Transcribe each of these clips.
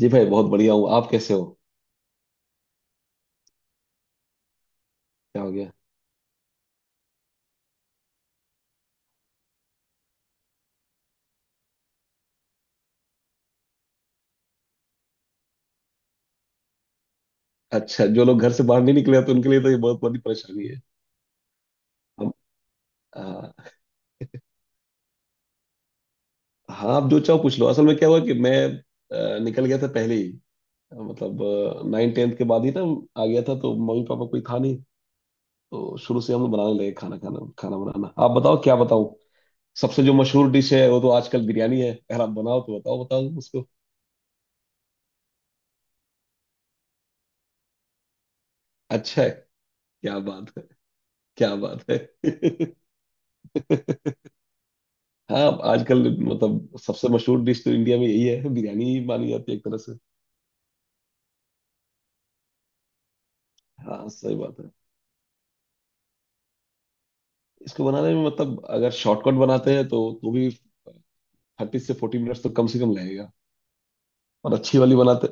जी भाई, बहुत बढ़िया हूँ। आप कैसे हो? क्या हो गया? अच्छा, जो लोग घर से बाहर नहीं निकले हैं, तो उनके लिए तो ये बहुत बड़ी परेशानी है। हम। आ, हाँ, आप जो चाहो पूछ लो। असल में क्या हुआ कि मैं निकल गया था पहले ही। मतलब 9th के बाद ही ना। आ गया था तो मम्मी पापा कोई था नहीं। तो शुरू से हम लोग बनाने लगे खाना, खाना बनाना। आप बताओ क्या बताऊँ। सबसे जो मशहूर डिश है वो तो आजकल बिरयानी है। अगर आप बनाओ तो बताओ, बताओ उसको। अच्छा है। क्या बात है! क्या बात है! हाँ। आजकल मतलब सबसे मशहूर डिश तो इंडिया में यही है, बिरयानी ही मानी जाती है एक तरह से। हाँ, सही बात है। इसको बनाने में मतलब अगर शॉर्टकट बनाते हैं तो भी 30 से 40 मिनट्स तो कम से कम लगेगा। और अच्छी वाली बनाते,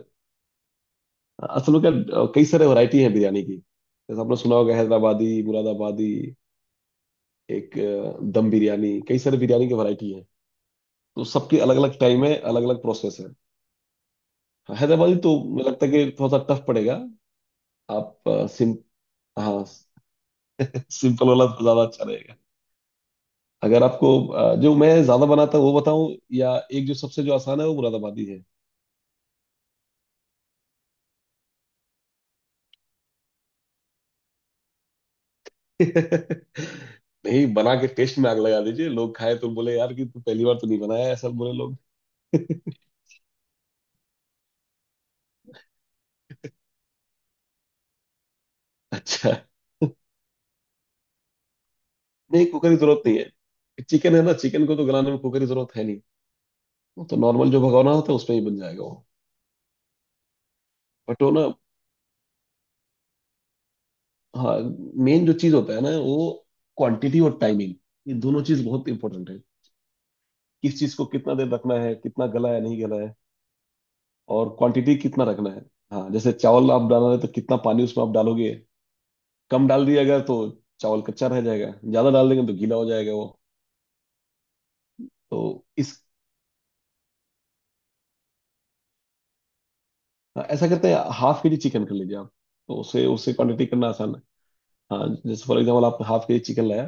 असल में क्या, कई सारे वैरायटी है बिरयानी की। जैसे आपने सुना होगा, हैदराबादी, मुरादाबादी, एक दम बिरयानी, कई सारे बिरयानी की वैरायटी है। तो सबकी अलग अलग टाइम है, अलग अलग प्रोसेस है। हाँ, हैदराबादी तो मुझे लगता है कि थोड़ा सा टफ पड़ेगा। आप सिम, हाँ। सिंपल वाला तो ज्यादा अच्छा रहेगा। अगर आपको जो मैं ज्यादा बनाता हूँ वो बताऊं, या एक जो सबसे जो आसान है वो मुरादाबादी है। नहीं, बना के टेस्ट में आग लगा दीजिए, लोग खाए तो बोले यार कि तू पहली बार तो नहीं बनाया, ऐसा बोले लोग। अच्छा। नहीं, कुकर की जरूरत नहीं है। चिकन है ना, चिकन को तो गलाने में कुकर की जरूरत है नहीं। वो तो नॉर्मल जो भगोना होता है उसमें ही बन जाएगा वो। बट वो ना, हाँ मेन जो चीज होता है ना वो, क्वांटिटी और टाइमिंग। ये दोनों चीज बहुत इंपॉर्टेंट है। किस चीज को कितना देर रखना है, कितना गला है नहीं गला है, और क्वांटिटी कितना रखना है। हाँ, जैसे चावल आप डाल रहे हैं तो कितना पानी उसमें आप डालोगे। कम डाल दिया अगर तो चावल कच्चा रह जाएगा, ज्यादा डाल देंगे तो गीला हो जाएगा वो। तो इस, हाँ, ऐसा करते हैं, हाफ kg चिकन कर लीजिए आप। तो उसे, उससे क्वांटिटी करना आसान है। हाँ, जैसे फॉर एग्जाम्पल आपने हाफ kg चिकन लाया,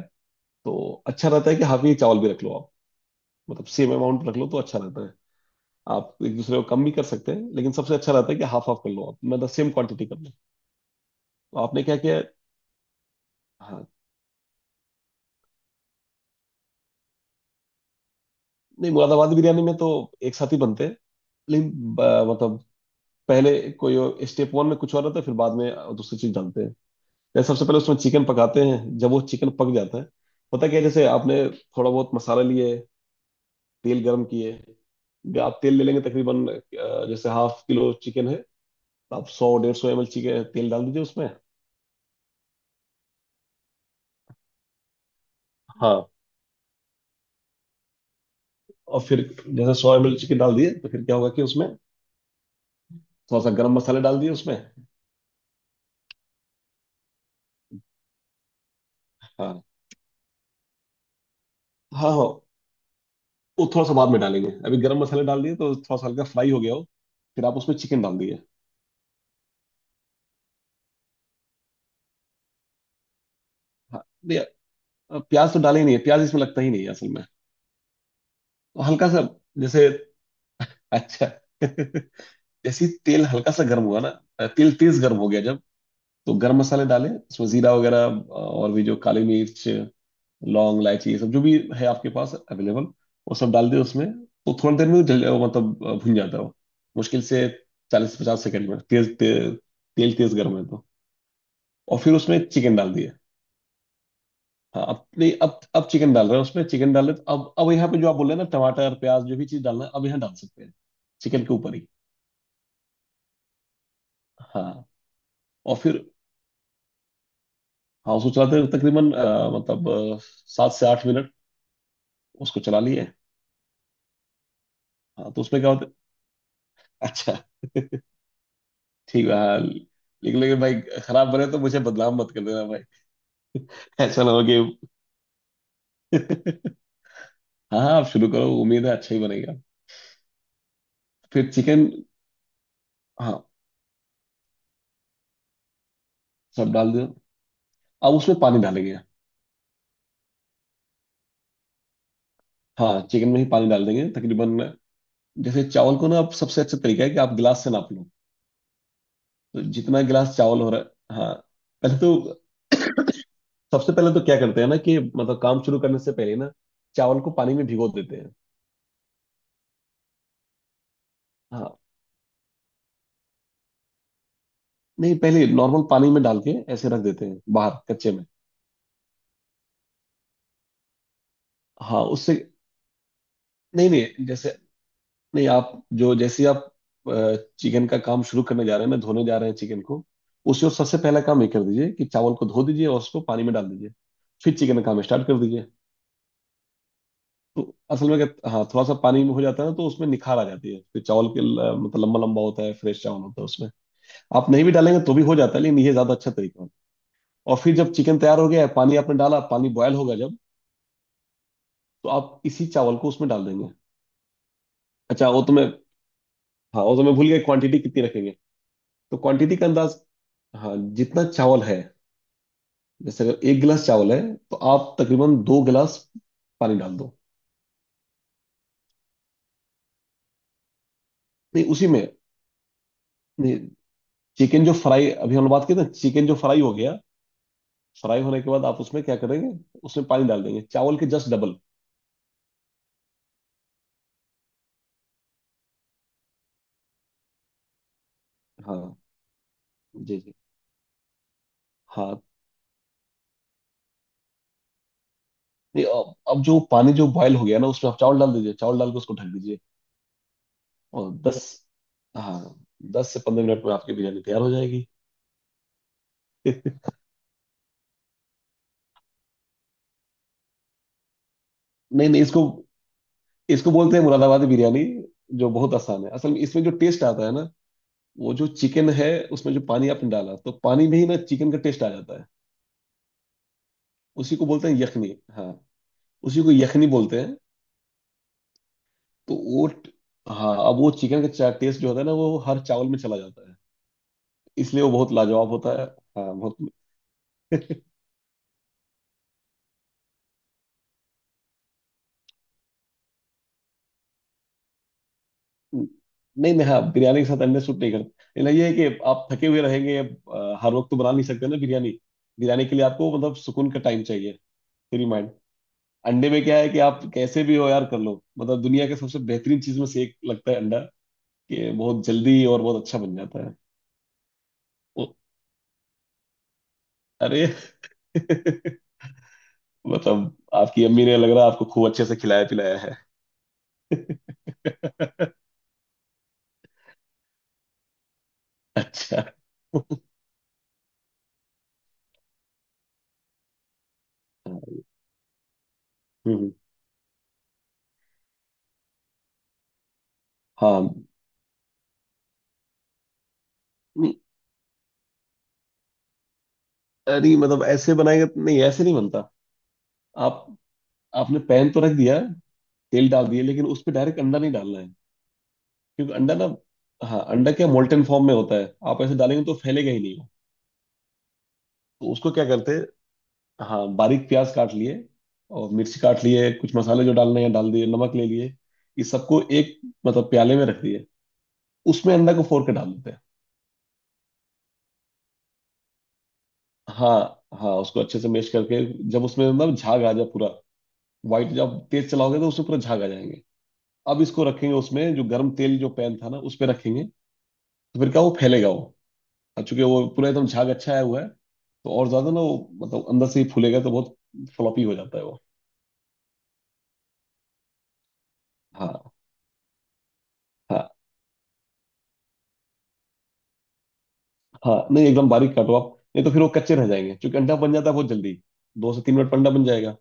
तो अच्छा रहता है कि हाफ kg चावल भी रख लो आप। मतलब सेम अमाउंट रख लो तो अच्छा रहता है। आप एक दूसरे को कम भी कर सकते हैं, लेकिन सबसे अच्छा रहता है कि हाफ हाफ कर लो आप, मतलब सेम क्वांटिटी कर लो। तो आपने क्या किया। हाँ, नहीं मुरादाबादी बिरयानी में तो एक साथ ही बनते हैं, लेकिन मतलब पहले कोई स्टेप 1 में कुछ और रहता है, फिर बाद में दूसरी चीज डालते हैं। जैसे सबसे पहले उसमें चिकन पकाते हैं, जब वो चिकन पक जाता है। पता क्या है, जैसे आपने थोड़ा बहुत मसाला लिए, तेल गर्म किए। आप तेल ले लेंगे तकरीबन जैसे हाफ किलो चिकन है, तो आप 100 150 ml चिकन तेल डाल दीजिए उसमें। हाँ, और फिर जैसे 100 ml चिकन डाल दिए, तो फिर क्या होगा कि उसमें थोड़ा सा गर्म मसाले डाल दिए उसमें। हाँ, हाँ, हाँ। वो थोड़ा सा बाद में डालेंगे, अभी गर्म मसाले डाल दिए तो थोड़ा सा हल्का फ्राई हो गया हो, फिर आप उसमें चिकन डाल दिए। हाँ, नहीं, प्याज तो डाले ही नहीं है, प्याज इसमें लगता ही नहीं है असल में। तो हल्का सा, जैसे, अच्छा। जैसे ही तेल हल्का सा गर्म हुआ ना, तेल तेज गर्म हो गया जब, तो गर्म मसाले डाले इसमें, जीरा वगैरह, और भी जो काली मिर्च, लौंग, इलायची, ये सब जो भी है आपके पास अवेलेबल, वो सब डाल दिए उसमें। तो थोड़ी देर में वो जल, वो मतलब भुन जाता है वो। मुश्किल से 40 50 सेकंड में तेज, तेल तेज गर्म है तो। और फिर उसमें चिकन डाल दिए। हाँ, अब नहीं, अब चिकन डाल रहे हैं, उसमें चिकन डाल रहे हैं तो अब यहाँ पे जो आप बोल रहे हैं ना, टमाटर प्याज जो भी चीज डालना है अब यहाँ डाल सकते हैं, चिकन के ऊपर ही। हाँ, और फिर, हाँ उसको चलाते हुए तकरीबन मतलब 7 से 8 मिनट उसको चला लिए। हाँ, तो उसमें क्या होता है। अच्छा, ठीक है, हाँ। लेकिन लेकिन भाई, खराब बने तो मुझे बदनाम मत कर देना भाई, ऐसा ना हो कि। हाँ, हाँ, आप शुरू करो, उम्मीद है अच्छा ही बनेगा। फिर चिकन, हाँ सब डाल दो, अब उसमें पानी डालेंगे। हाँ, चिकन में ही पानी डाल देंगे तकरीबन। जैसे चावल को ना, आप सबसे अच्छा तरीका है कि आप गिलास से नाप लो, तो जितना गिलास चावल हो रहा है, हाँ। पहले तो, सबसे पहले तो क्या करते हैं ना कि मतलब काम शुरू करने से पहले ना, चावल को पानी में भिगो देते हैं। हाँ, नहीं पहले नॉर्मल पानी में डाल के ऐसे रख देते हैं बाहर कच्चे में। हाँ, उससे, नहीं नहीं, जैसे, नहीं आप, जो जैसे आप चिकन का काम शुरू करने जा रहे हैं ना, धोने जा रहे हैं चिकन को, उसी, और सबसे पहला काम ये कर दीजिए कि चावल को धो दीजिए और उसको पानी में डाल दीजिए। फिर चिकन का काम स्टार्ट कर दीजिए। तो असल में क्या, हाँ थोड़ा सा पानी में हो जाता है ना तो उसमें निखार आ जाती है। फिर चावल के मतलब लंबा लंबा होता है, फ्रेश चावल होता है उसमें। आप नहीं भी डालेंगे तो भी हो जाता है, लेकिन ये ज्यादा अच्छा तरीका है। और फिर जब चिकन तैयार हो गया है, पानी आपने डाला, पानी बॉयल होगा जब, तो आप इसी चावल को उसमें डाल देंगे। अच्छा, वो तो मैं, हाँ वो तो मैं भूल गया, क्वांटिटी कितनी रखेंगे। तो क्वांटिटी का अंदाज, हाँ जितना चावल है, जैसे अगर एक गिलास चावल है, तो आप तकरीबन 2 गिलास पानी डाल दो। नहीं उसी में, नहीं, चिकन जो फ्राई अभी हम लोग बात की ना, चिकन जो फ्राई हो गया, फ्राई होने के बाद आप उसमें क्या करेंगे, उसमें पानी डाल देंगे चावल के जस्ट डबल। हाँ, जी जी। हाँ, नहीं अब जो पानी जो बॉयल हो गया ना, उसमें आप चावल डाल दीजिए। चावल डाल के उसको ढक दीजिए। और 10, हाँ 10 से 15 मिनट में आपकी बिरयानी तैयार हो जाएगी। नहीं नहीं, इसको इसको बोलते हैं मुरादाबादी बिरयानी, जो बहुत आसान है असल में। इसमें जो टेस्ट आता है ना, वो जो चिकन है, उसमें जो पानी आपने डाला तो पानी में ही ना चिकन का टेस्ट आ जाता है। उसी को बोलते हैं यखनी, हाँ, उसी को यखनी बोलते हैं। तो वो, हाँ अब वो चिकन का टेस्ट जो होता है ना, वो हर चावल में चला जाता है, इसलिए वो बहुत लाजवाब होता है। हाँ, बहुत। नहीं मैं, हाँ बिरयानी के साथ अंडे सूट नहीं करता, लेकिन ये है कि आप थके हुए रहेंगे, हर वक्त तो बना नहीं सकते ना बिरयानी। बिरयानी के लिए आपको मतलब सुकून का टाइम चाहिए, फ्री माइंड। अंडे में क्या है कि आप कैसे भी हो यार, कर लो। मतलब दुनिया के सबसे बेहतरीन चीज में से एक लगता है अंडा, कि बहुत जल्दी और बहुत अच्छा बन जाता है। ओ, अरे। मतलब आपकी अम्मी ने लग रहा है आपको खूब अच्छे से खिलाया पिलाया है। अच्छा, हम्म, हाँ, नहीं नहीं मतलब ऐसे बनाएगा नहीं ऐसे नहीं बनता। आप आपने पैन तो रख दिया, तेल डाल दिया, लेकिन उस पे डायरेक्ट अंडा नहीं डालना है। क्योंकि अंडा ना, हाँ अंडा क्या, मोल्टन फॉर्म में होता है, आप ऐसे डालेंगे तो फैलेगा ही नहीं वो। तो उसको क्या करते हैं? हाँ, बारीक प्याज काट लिए और मिर्ची काट लिए, कुछ मसाले जो डालने हैं डाल दिए, नमक ले लिए, ये सबको एक, मतलब प्याले में रख दिए। उसमें अंडा को फोड़ के डाल देते हैं। हाँ, हाँ उसको अच्छे से मैश करके, जब उसमें मतलब झाग आ जाए पूरा, व्हाइट, जब आप तेज चलाओगे तो उससे पूरा झाग आ जाएंगे। अब इसको रखेंगे, उसमें जो गर्म तेल जो पैन था ना उस पे रखेंगे, तो फिर क्या वो फैलेगा वो। और चूंकि वो पूरा एकदम झाग अच्छा आया हुआ है, तो और ज्यादा ना वो, मतलब अंदर से ही फूलेगा तो बहुत फ्लॉपी हो जाता है वो। हाँ, हाँ, हाँ, नहीं एकदम बारीक काटो आप। नहीं तो फिर वो कच्चे रह जाएंगे, क्योंकि अंडा बन जाता है बहुत जल्दी, 2 से 3 मिनट में अंडा बन जाएगा।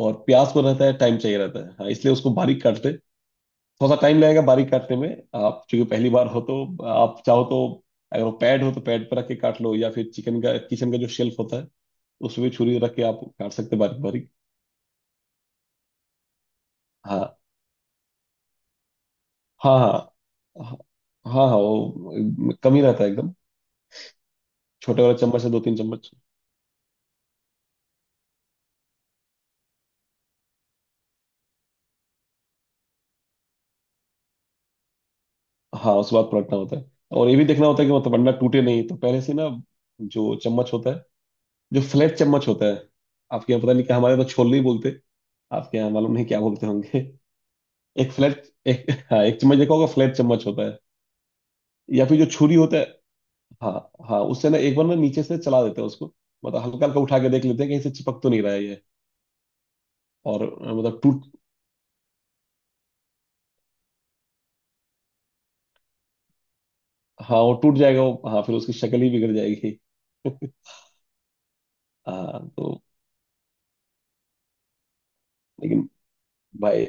और प्याज को रहता है, टाइम चाहिए रहता है, हाँ इसलिए उसको बारीक काटते। थोड़ा सा टाइम लगेगा बारीक काटने में, आप चूंकि पहली बार हो तो। आप चाहो तो, अगर वो पैड हो तो पैड पर रख के काट लो, या फिर चिकन का, किचन का जो शेल्फ होता है, उसमें भी छुरी रख के आप काट सकते हैं बारीक बारीक। हाँ, हाँ, हाँ, हाँ, हाँ, हाँ, वो कम ही रहता है एकदम। छोटे वाले चम्मच से 2-3 चम्मच। हाँ उसके बाद पलटना होता है। और ये भी देखना होता है कि मतलब अंडा टूटे नहीं, तो पहले से ना जो चम्मच होता है, जो फ्लैट चम्मच होता है। आपके यहाँ पता नहीं क्या, हमारे यहाँ तो छोल नहीं बोलते। आपके यहाँ मालूम नहीं क्या बोलते होंगे। एक फ्लैट, एक, हाँ एक चम्मच देखा होगा, फ्लैट चम्मच होता है। या फिर जो छुरी होता है। हाँ। हाँ उससे ना एक बार ना नीचे से चला देते हैं उसको। मतलब हल्का हल्का उठा के देख लेते हैं कहीं से चिपक तो नहीं रहा है ये। और मतलब टूट। हाँ वो टूट जाएगा वो, हाँ फिर उसकी शक्ल ही बिगड़ जाएगी। हाँ तो। लेकिन भाई,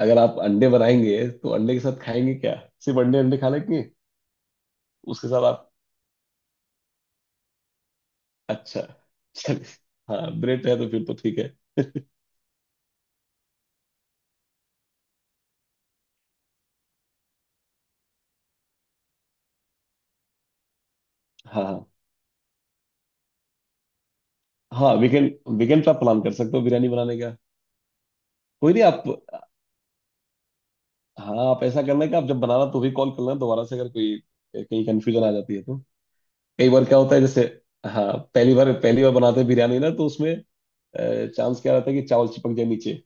अगर आप अंडे बनाएंगे तो अंडे के साथ खाएंगे क्या? सिर्फ अंडे अंडे खा लेंगे? उसके साथ आप। अच्छा, चलिए। हाँ ब्रेड है तो फिर तो ठीक है। हाँ हाँ। हाँ, वीकेंड वीकेंड पे आप प्लान कर सकते हो बिरयानी बनाने का। कोई नहीं। आप, हाँ आप ऐसा करना कि आप जब बनाना तो भी कॉल करना दोबारा से, अगर कोई कहीं कंफ्यूजन आ जाती है तो। कई बार क्या होता है, जैसे हाँ पहली बार बनाते हैं बिरयानी ना तो उसमें चांस क्या रहता है कि चावल चिपक जाए नीचे।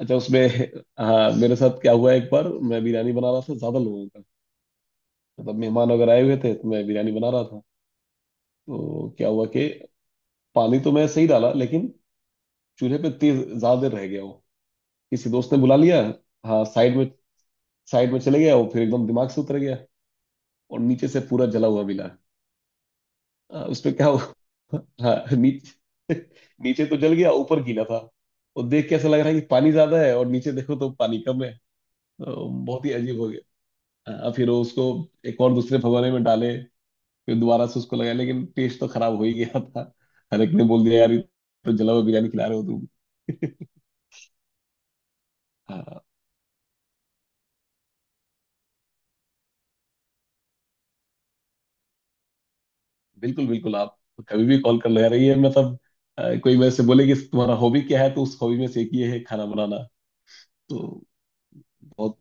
अच्छा उसमें। हाँ मेरे साथ क्या हुआ, एक बार मैं बिरयानी बना रहा था ज्यादा लोगों का। मतलब मेहमान वगैरह आए हुए थे तो मैं बिरयानी बना रहा था। तो क्या हुआ कि पानी तो मैं सही डाला, लेकिन चूल्हे पे तेज ज्यादा देर रह गया वो, किसी दोस्त ने बुला लिया। हाँ साइड में, साइड में चले गया वो, फिर एकदम दिमाग से उतर गया और नीचे से पूरा जला हुआ मिला। उसमें क्या हुआ? हाँ नीचे, नीचे तो जल गया, ऊपर गीला था। और देख के ऐसा लग रहा है कि पानी ज्यादा है और नीचे देखो तो पानी कम है। तो बहुत ही अजीब हो गया। हाँ, फिर वो उसको एक और दूसरे भगोने में डाले, फिर दोबारा से उसको लगाया, लेकिन टेस्ट तो खराब हो ही गया था। हर एक ने बोल दिया, यार ये तो जला हुआ बिरयानी खिला रहे हो तुम। हाँ बिल्कुल बिल्कुल। आप कभी भी कॉल कर, लगा रही है मतलब। कोई मेरे से बोले कि तुम्हारा हॉबी क्या है, तो उस हॉबी में से एक ये है खाना बनाना, तो बहुत।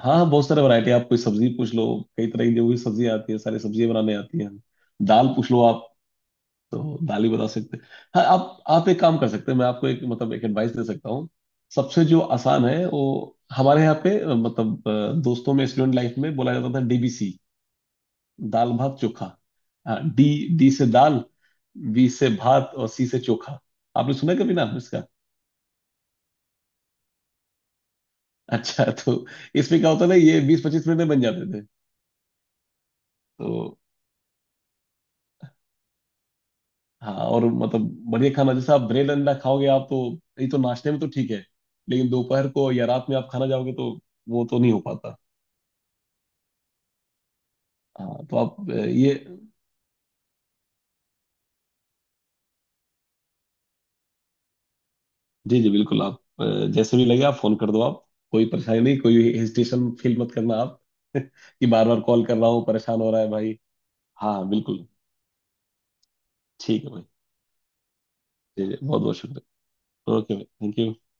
हाँ बहुत सारे वैरायटी। आप कोई सब्जी पूछ लो, कई तरह की जो भी सब्जी आती है सारी सब्जियां बनाने आती हैं। दाल पूछ लो आप तो दाल ही बता सकते हैं। हाँ आप एक काम कर सकते हैं। मैं आपको एक, मतलब एक एडवाइस दे सकता हूँ। सबसे जो आसान है वो हमारे यहाँ पे, मतलब दोस्तों में स्टूडेंट लाइफ में बोला जाता था, डीबीसी। दाल भात चोखा। हाँ डी, डी से दाल, बी से भात और सी से चोखा। आपने सुना है कभी नाम इसका? अच्छा तो इसमें क्या होता था, ये 20-25 मिनट में बन जाते थे। तो हाँ, और मतलब बढ़िया खाना। जैसे आप ब्रेड अंडा खाओगे आप, तो ये तो नाश्ते में तो ठीक है, लेकिन दोपहर को या रात में आप खाना जाओगे तो वो तो नहीं हो पाता। हाँ तो आप ये। जी जी बिल्कुल। आप अ, जैसे भी लगे आप फोन कर दो आप। कोई परेशानी नहीं, कोई हेजिटेशन फील मत करना आप। कि बार बार कॉल कर रहा हूँ परेशान हो रहा है भाई। हाँ बिल्कुल। ठीक है भाई। जी जी बहुत बहुत शुक्रिया। ओके भाई। Thank you